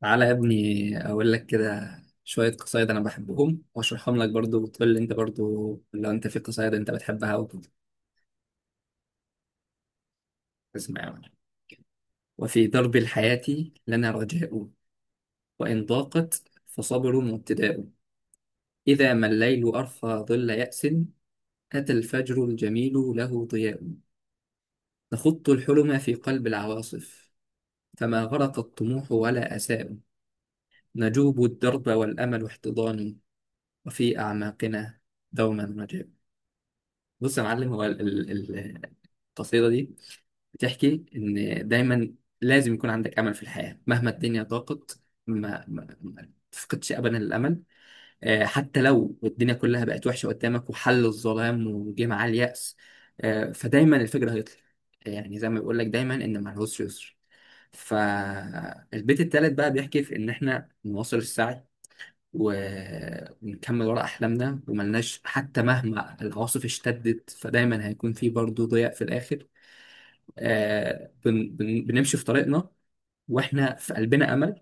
تعالى يا ابني، اقول لك كده. شويه قصايد انا بحبهم واشرحهم لك برضو، وتقول لي انت برضو لو انت في قصايد انت بتحبها وكده. اسمع يا معلم. وفي درب الحياه لنا رجاء، وان ضاقت فصبر وابتداء. اذا ما الليل ارخى ظل ياس، اتى الفجر الجميل له ضياء. نخط الحلم في قلب العواصف، فما غرق الطموح ولا اساء. نجوب الدرب والامل احتضان، وفي اعماقنا دوما رجاء. بص يا معلم، هو القصيدة دي بتحكي إن دايما لازم يكون عندك أمل في الحياة مهما الدنيا ضاقت. ما تفقدش أبدا الأمل. حتى لو الدنيا كلها بقت وحشة قدامك وحل الظلام وجه معاه اليأس، فدايما الفجر هيطلع. يعني زي ما بيقول لك دايما إن مع العسر يسر. فالبيت التالت بقى بيحكي في إن إحنا نواصل السعي ونكمل ورا أحلامنا وملناش، حتى مهما العواصف اشتدت فدايما هيكون في برضه ضياء في الآخر. آه بن بن بنمشي في طريقنا وإحنا في قلبنا أمل.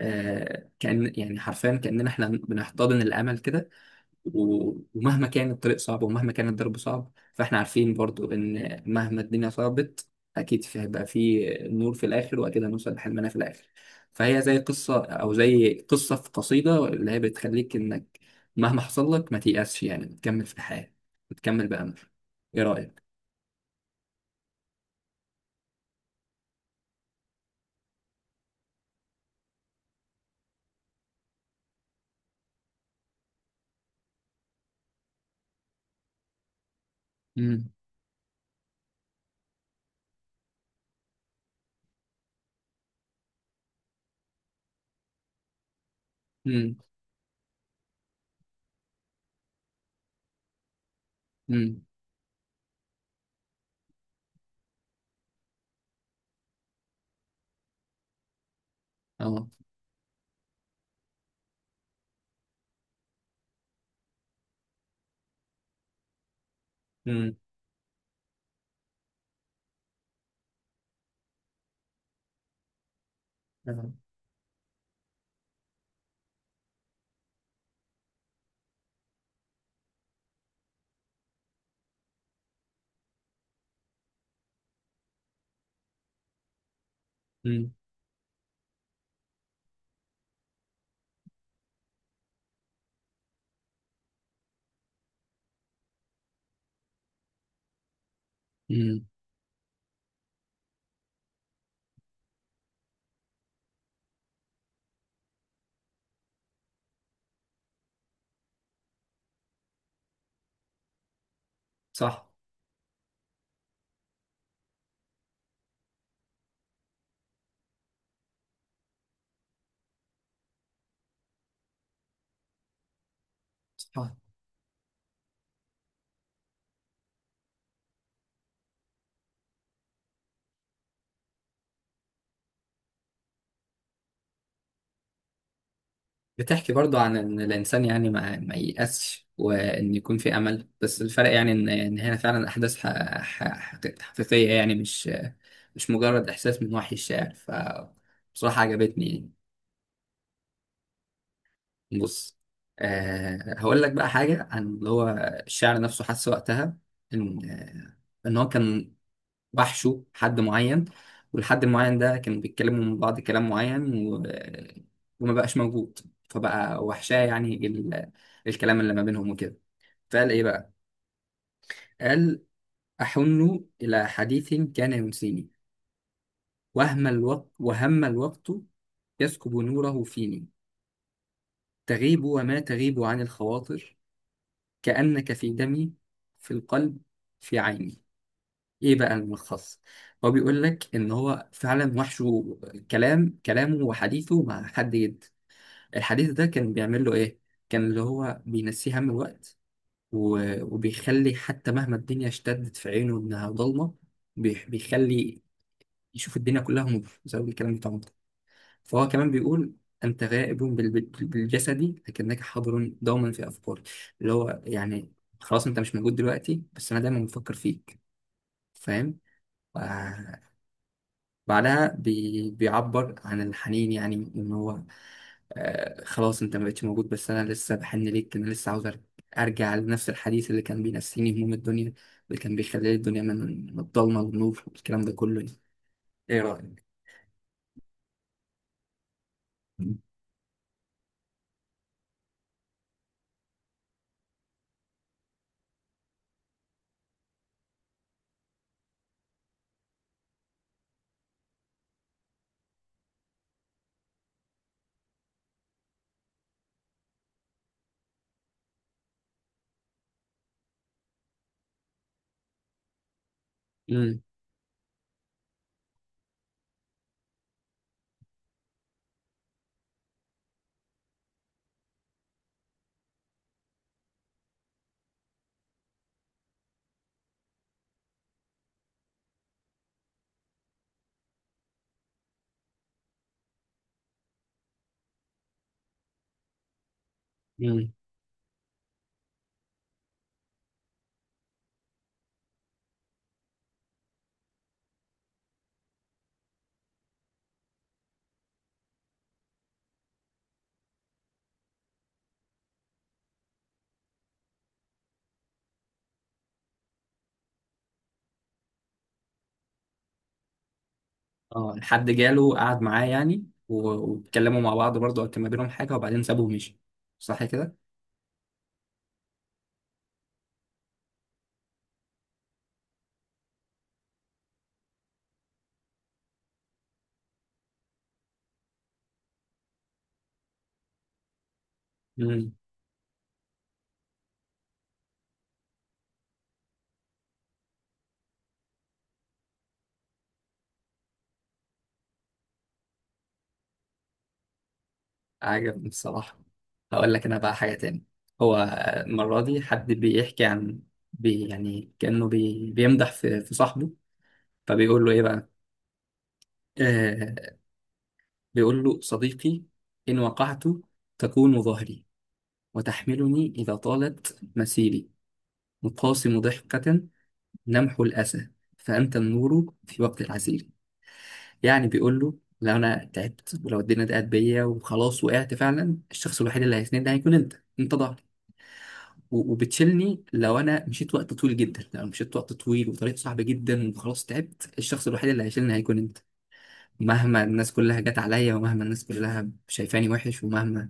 كأن يعني حرفيا كأننا احنا بنحتضن الأمل كده. ومهما كان الطريق صعب ومهما كان الضرب صعب، فاحنا عارفين برضو إن مهما الدنيا صعبت أكيد في هيبقى في نور في الآخر، وأكيد هنوصل لحلمنا في الآخر. فهي زي قصة، أو زي قصة في قصيدة اللي هي بتخليك إنك مهما حصل لك ما تيأسش، يعني تكمل في الحياة وتكمل بأمل. إيه رأيك؟ مم. مم. مم. أه. مم. آه. مم. مم. صح. صح. بتحكي برضو عن ان الانسان يعني ما ييأسش، وان يكون في امل. بس الفرق يعني ان ان هنا فعلا احداث حقيقيه، يعني مش مجرد احساس من وحي الشاعر، فبصراحه عجبتني. بص. هقول لك بقى حاجه عن اللي هو الشاعر نفسه حس وقتها ان ان هو كان وحشوا حد معين، والحد المعين ده كانوا بيتكلموا من بعض كلام معين وما بقاش موجود، فبقى وحشاه يعني الكلام اللي ما بينهم وكده. فقال ايه بقى؟ قال: أحن إلى حديث كان ينسيني وهم الوقت، وهم الوقت يسكب نوره فيني. تغيب وما تغيب عن الخواطر، كأنك في دمي، في القلب، في عيني. ايه بقى الملخص؟ هو بيقول لك ان هو فعلا وحشه كلامه وحديثه مع حد جد. الحديث ده كان بيعمل له ايه؟ كان اللي هو بينسيه هم الوقت، وبيخلي حتى مهما الدنيا اشتدت في عينه انها ضلمه، بيخلي يشوف الدنيا كلها نور بسبب الكلام بتاعه ده. فهو كمان بيقول: انت غائب بالجسد، لكنك حاضر دوما في افكاري. اللي هو يعني خلاص انت مش موجود دلوقتي، بس انا دايما بفكر فيك، فاهم؟ بعدها بيعبر عن الحنين، يعني ان هو آه خلاص انت ما بقتش موجود، بس انا لسه بحن ليك، انا لسه عاوز ارجع لنفس الحديث اللي كان بينسيني هموم الدنيا، اللي كان بيخلي الدنيا من الضلمه للنور، والكلام ده كله يعني. ايه رايك؟ امم. امم. اه، حد جاله قعد معاه يعني واتكلموا مع بعض برضه، أو كان ما بينهم حاجه وبعدين سابه ومشي. صح كده. عجبني بصراحة. هقول لك أنا بقى حاجة تاني. هو المرة دي حد بيحكي عن بي يعني كأنه بيمدح في صاحبه. فبيقول له إيه بقى؟ آه، بيقول له: صديقي إن وقعت تكون ظهري، وتحملني إذا طالت مسيري. مقاسم ضحكة لمح الأسى، فأنت النور في وقت العسير. يعني بيقول له لو أنا تعبت، ولو الدنيا ضاقت بيا وخلاص وقعت فعلا، الشخص الوحيد اللي هيسندني هيكون أنت. أنت ظهري وبتشيلني لو انا مشيت وقت طويل جدا. لو انا مشيت وقت طويل وطريق صعب جدا وخلاص تعبت، الشخص الوحيد اللي هيشيلني هيكون انت. مهما الناس كلها جت عليا، ومهما الناس كلها شايفاني وحش، ومهما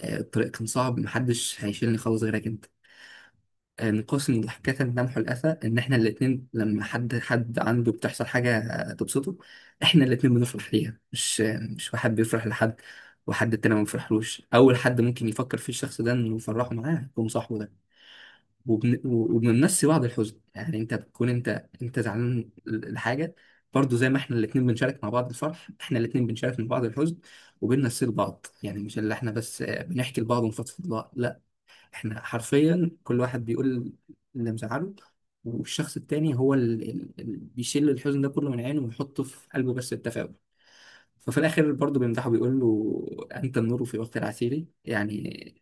الطريق كان صعب، محدش هيشيلني خالص غيرك انت. من قسم ضحكة لمح الأسى، إن إحنا الاتنين لما حد عنده بتحصل حاجة تبسطه، إحنا الاتنين بنفرح ليها. مش مش واحد بيفرح لحد، وحد التاني ما بيفرحلوش. أول حد ممكن يفكر فيه الشخص ده إنه يفرحه معاه يكون صاحبه ده. وبنمسي بعض الحزن، يعني انت بتكون انت زعلان لحاجه، برضو زي ما احنا الاثنين بنشارك مع بعض الفرح، احنا الاثنين بنشارك مع بعض الحزن. وبننسي لبعض، يعني مش اللي احنا بس بنحكي لبعض ونفضفض لبعض، لا. احنا حرفيا كل واحد بيقول اللي مزعله، والشخص التاني هو اللي اللي بيشيل الحزن ده كله من عينه، ويحطه في قلبه بس التفاؤل. ففي الاخر برضه بيمدحه، بيقول له: انت النور في وقت العسير. يعني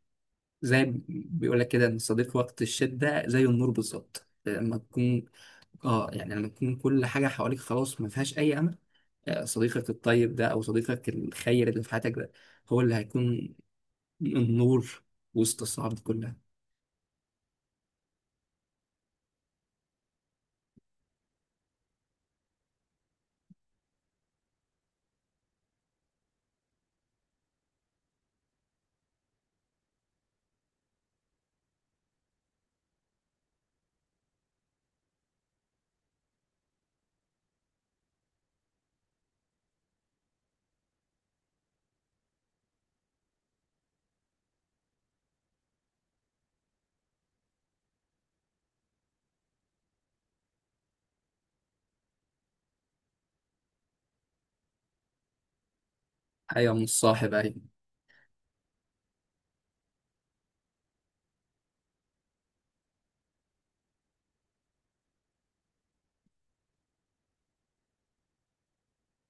زي ما بيقول لك كده ان الصديق وقت الشده زي النور بالظبط. لما تكون، اه يعني لما تكون كل حاجه حواليك خلاص ما فيهاش اي امل، صديقك الطيب ده او صديقك الخير اللي في حياتك ده، هو اللي هيكون النور وسط الصعاب دي كلها. ايوه، مش صاحب، ايوه.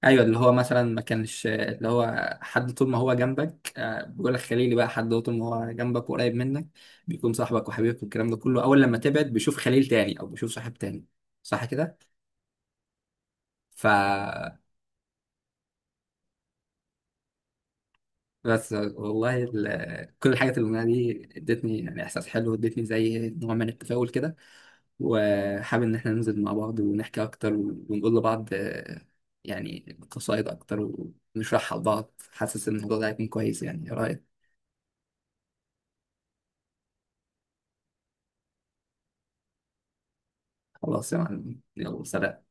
ايوه، اللي هو مثلا ما كانش اللي هو حد طول ما هو جنبك. بيقول لك خليلي بقى حد هو طول ما هو جنبك وقريب منك، بيكون صاحبك وحبيبك والكلام ده كله. اول لما تبعد بيشوف خليل تاني او بيشوف صاحب تاني. صح كده؟ ف بس والله، كل الحاجات اللي قلناها دي ادتني يعني احساس حلو، ادتني زي نوع من التفاؤل كده، وحابب ان احنا ننزل مع بعض ونحكي اكتر ونقول لبعض يعني قصايد اكتر، ونشرحها لبعض. حاسس ان الموضوع ده هيكون كويس. يعني ايه رايك؟ خلاص يا معلم، يلا، سلام.